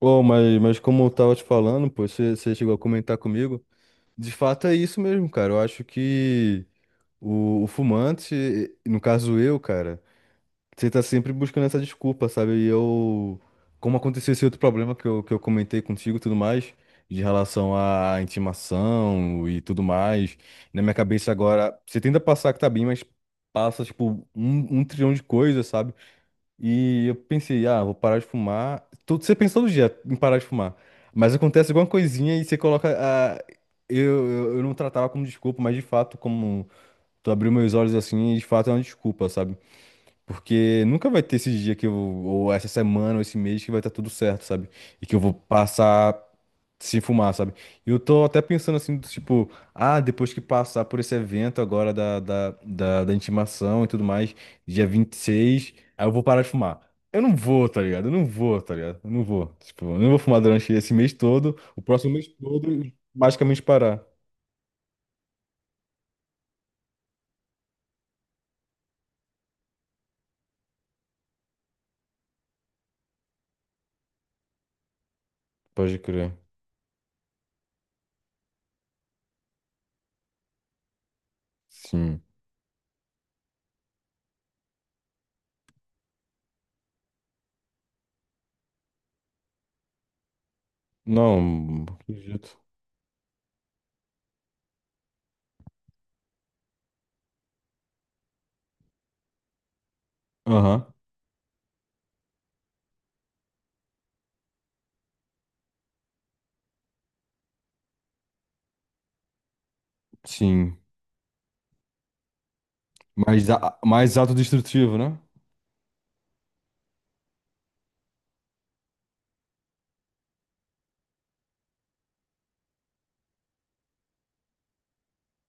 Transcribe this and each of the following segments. Ô, mas como eu tava te falando, pô, você chegou a comentar comigo, de fato é isso mesmo, cara. Eu acho que o fumante, no caso eu, cara, você tá sempre buscando essa desculpa, sabe? E eu, como aconteceu esse outro problema que eu comentei contigo e tudo mais, de relação à intimação e tudo mais, na minha cabeça agora, você tenta passar que tá bem, mas passa, tipo, um trilhão de coisas, sabe? E eu pensei, ah, vou parar de fumar. Você pensa todo dia em parar de fumar. Mas acontece alguma coisinha e você coloca. Ah, eu, eu não tratava como desculpa, mas de fato, como tu abriu meus olhos assim, de fato é uma desculpa, sabe? Porque nunca vai ter esse dia que eu, ou essa semana, ou esse mês que vai estar tudo certo, sabe? E que eu vou passar. Se fumar, sabe? E eu tô até pensando assim, do tipo, ah, depois que passar por esse evento agora da intimação e tudo mais, dia 26, aí eu vou parar de fumar. Eu não vou, tá ligado? Eu não vou, tá ligado? Eu não vou. Tipo, eu não vou fumar durante esse mês todo, o próximo mês todo, e basicamente parar. Pode crer. Sim. Não, acredito. Aham, sim. Mais, mais autodestrutivo, né?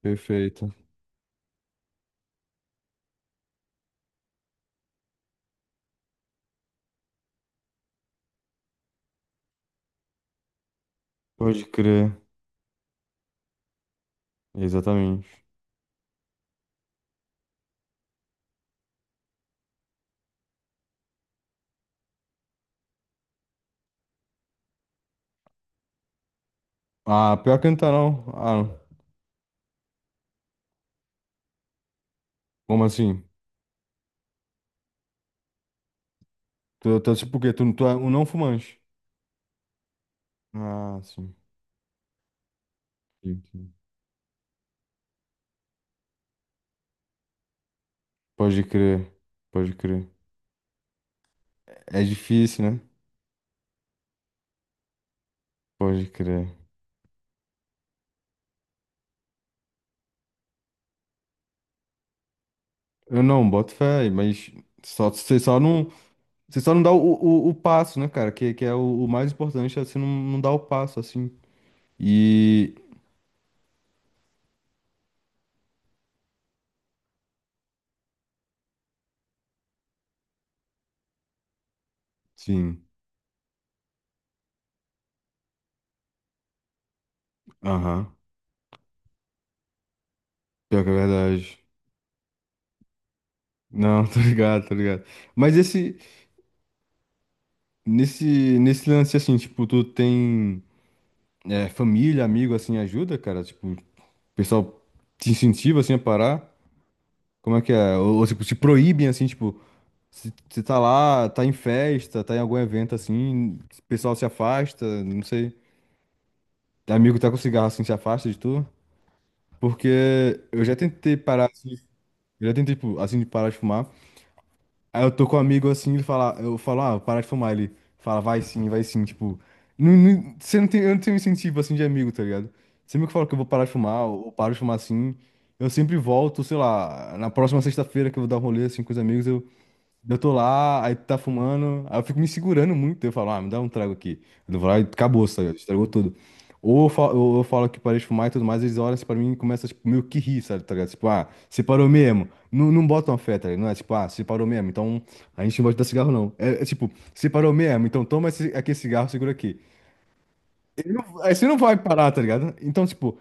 Perfeito. Pode crer. Exatamente. Ah, pior que não tá, não. Ah, não. Como assim? Tu, tipo, por quê? Tu é um não fumante. Ah, sim. Sim, sim. Pode crer. Pode crer. É difícil, né? Pode crer. Eu não, boto fé, mas só, você só não dá o passo, né, cara? Que é o mais importante, é você não, não dar o passo, assim. E. Sim. Aham. Pior que é verdade. Não, tô ligado, tô ligado. Mas esse, nesse lance, assim, tipo, tu tem é, família, amigo, assim, ajuda, cara? Tipo. O pessoal te incentiva, assim, a parar? Como é que é? Ou, tipo, te proíbem, assim, tipo, se você tá lá, tá em festa, tá em algum evento, assim, o pessoal se afasta, não sei. Amigo que tá com cigarro, assim, se afasta de tu? Porque eu já tentei parar, assim, eu já tentei, tipo, assim, de parar de fumar. Aí eu tô com um amigo assim, ele fala, eu falo, ah, parar de fumar. Ele fala, vai sim, vai sim. Tipo, você não tem, eu não tenho incentivo assim de amigo, tá ligado? Sempre que eu falo que eu vou parar de fumar, ou paro de fumar assim, eu sempre volto, sei lá, na próxima sexta-feira que eu vou dar um rolê assim com os amigos, eu, tô lá, aí tu tá fumando, aí eu fico me segurando muito. Eu falo, ah, me dá um trago aqui. Eu vou lá e acabou, sabe? Estragou tudo. Ou eu falo que parei de fumar e tudo mais, eles olham assim pra mim e começam, tipo, meio que rir, sabe? Tá ligado? Tipo, ah, você parou mesmo. Não, não botam fé, tá ligado? Não é tipo, ah, você parou mesmo, então a gente não vai te dar cigarro, não. É tipo, você parou mesmo, então toma esse, aqui esse cigarro, segura aqui. Ele não- Aí você não vai parar, tá ligado? Então, tipo,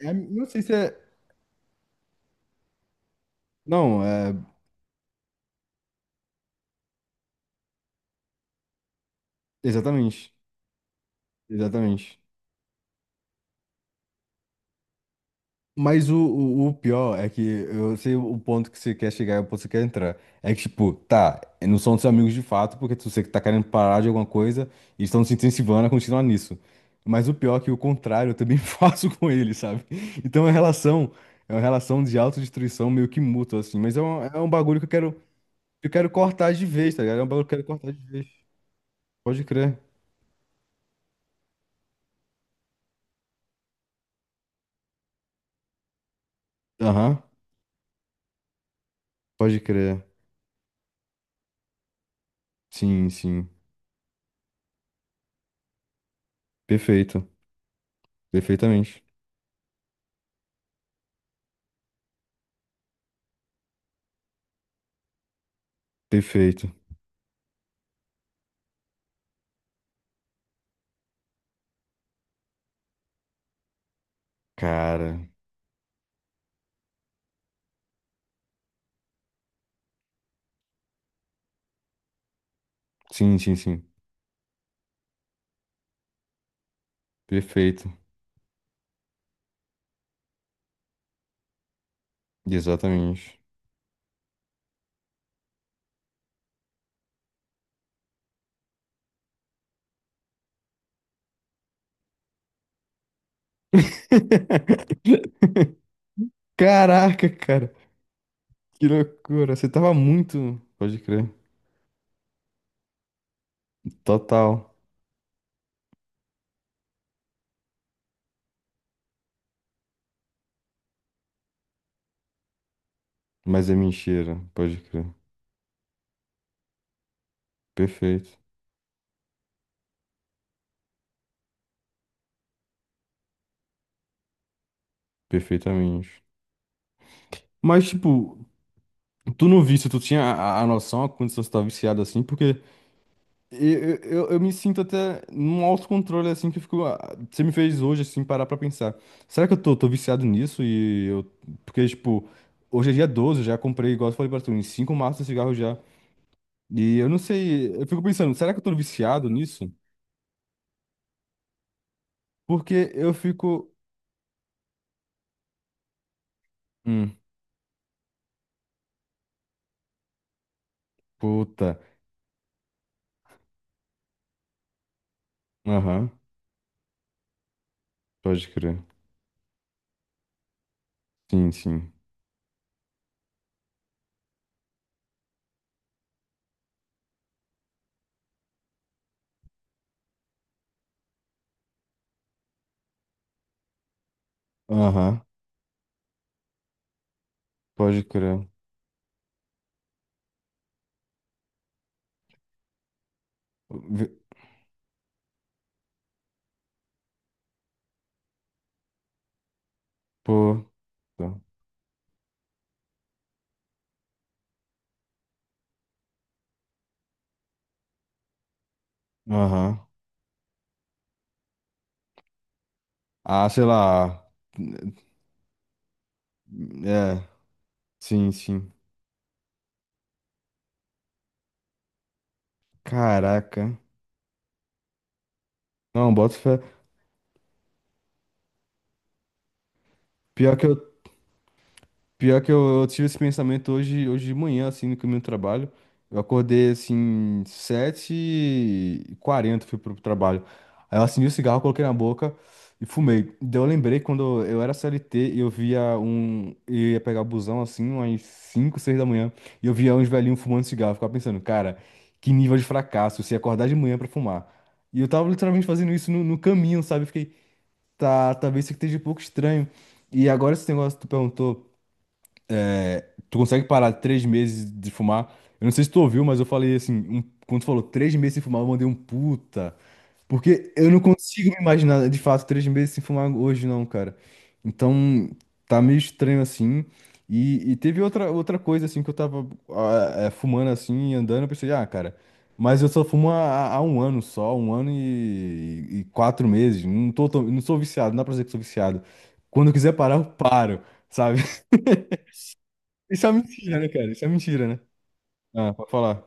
não sei se é. Não, é. Exatamente. Exatamente. Mas o pior é que eu sei o ponto que você quer chegar, e o ponto que você quer entrar. É que, tipo, tá, não são seus amigos de fato, porque tu sei que tá querendo parar de alguma coisa e estão se incentivando a continuar nisso. Mas o pior é que o contrário eu também faço com eles, sabe? Então é uma relação de autodestruição meio que mútua, assim. Mas é um bagulho que eu quero cortar de vez, tá ligado? É um bagulho que eu quero cortar de vez. Pode crer. Aham, pode crer. Sim, sim. Perfeito. Perfeitamente. Perfeito. Cara. Sim, sim, sim. Perfeito. Exatamente. Caraca, cara. Que loucura. Você tava muito. Pode crer. Total. Mas é mentira. Pode crer. Perfeito. Perfeitamente. Mas, tipo, tu não viste, tu tinha a noção, a condição de estar viciado assim, porque eu, eu me sinto até num autocontrole assim que eu fico. Você me fez hoje, assim, parar pra pensar. Será que eu tô viciado nisso? E eu. Porque, tipo, hoje é dia 12 eu já comprei, igual eu falei pra tu, em 5 maços de cigarro já. E eu não sei, eu fico pensando, será que eu tô viciado nisso? Porque eu fico. Hum, puta. Aham, pode crer. Sim, sim. Aham, pode crer. Vi- Puta. Aham. Ah, sei lá. É, sim, sim. Caraca. Não, bota fé. Pior que eu. Pior que eu tive esse pensamento hoje, hoje de manhã, assim, no caminho do trabalho. Eu acordei, assim, 7h40 fui pro trabalho. Aí eu acendi o cigarro, coloquei na boca e fumei. Daí eu lembrei quando eu era CLT e eu via um... Eu ia pegar o busão, assim, umas 5 6 da manhã. E eu via uns velhinhos fumando cigarro. Eu ficava pensando, cara, que nível de fracasso se acordar de manhã pra fumar. E eu tava literalmente fazendo isso no caminho, sabe? Eu fiquei, tá, talvez isso aqui esteja um pouco estranho. E agora esse negócio que tu perguntou... Tu consegue parar 3 meses de fumar? Eu não sei se tu ouviu, mas eu falei assim, quando tu falou 3 meses sem fumar, eu mandei um puta. Porque eu não consigo me imaginar, de fato, 3 meses sem fumar hoje, não, cara. Então, tá meio estranho assim. E teve outra coisa, assim, que eu tava fumando assim, andando, eu pensei, ah, cara, mas eu só fumo há um ano só, um ano e 4 meses. Não tô, não sou viciado, não dá pra dizer que sou viciado. Quando eu quiser parar, eu paro, sabe? Isso é mentira, né, cara? Isso é mentira, né? Ah, pode falar.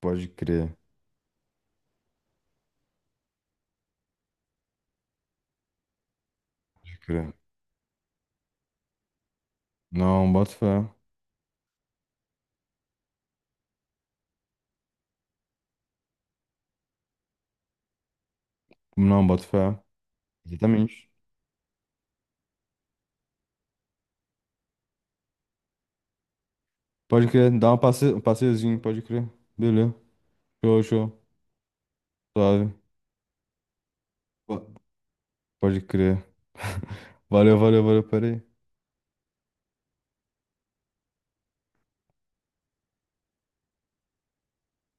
Pode crer, pode crer. Não, bota fé. Não, bota fé. Exatamente. Pode crer, dá um passeiozinho, pode crer. Beleza. Show, show. Suave. Po- Pode crer. Valeu, valeu, valeu, peraí.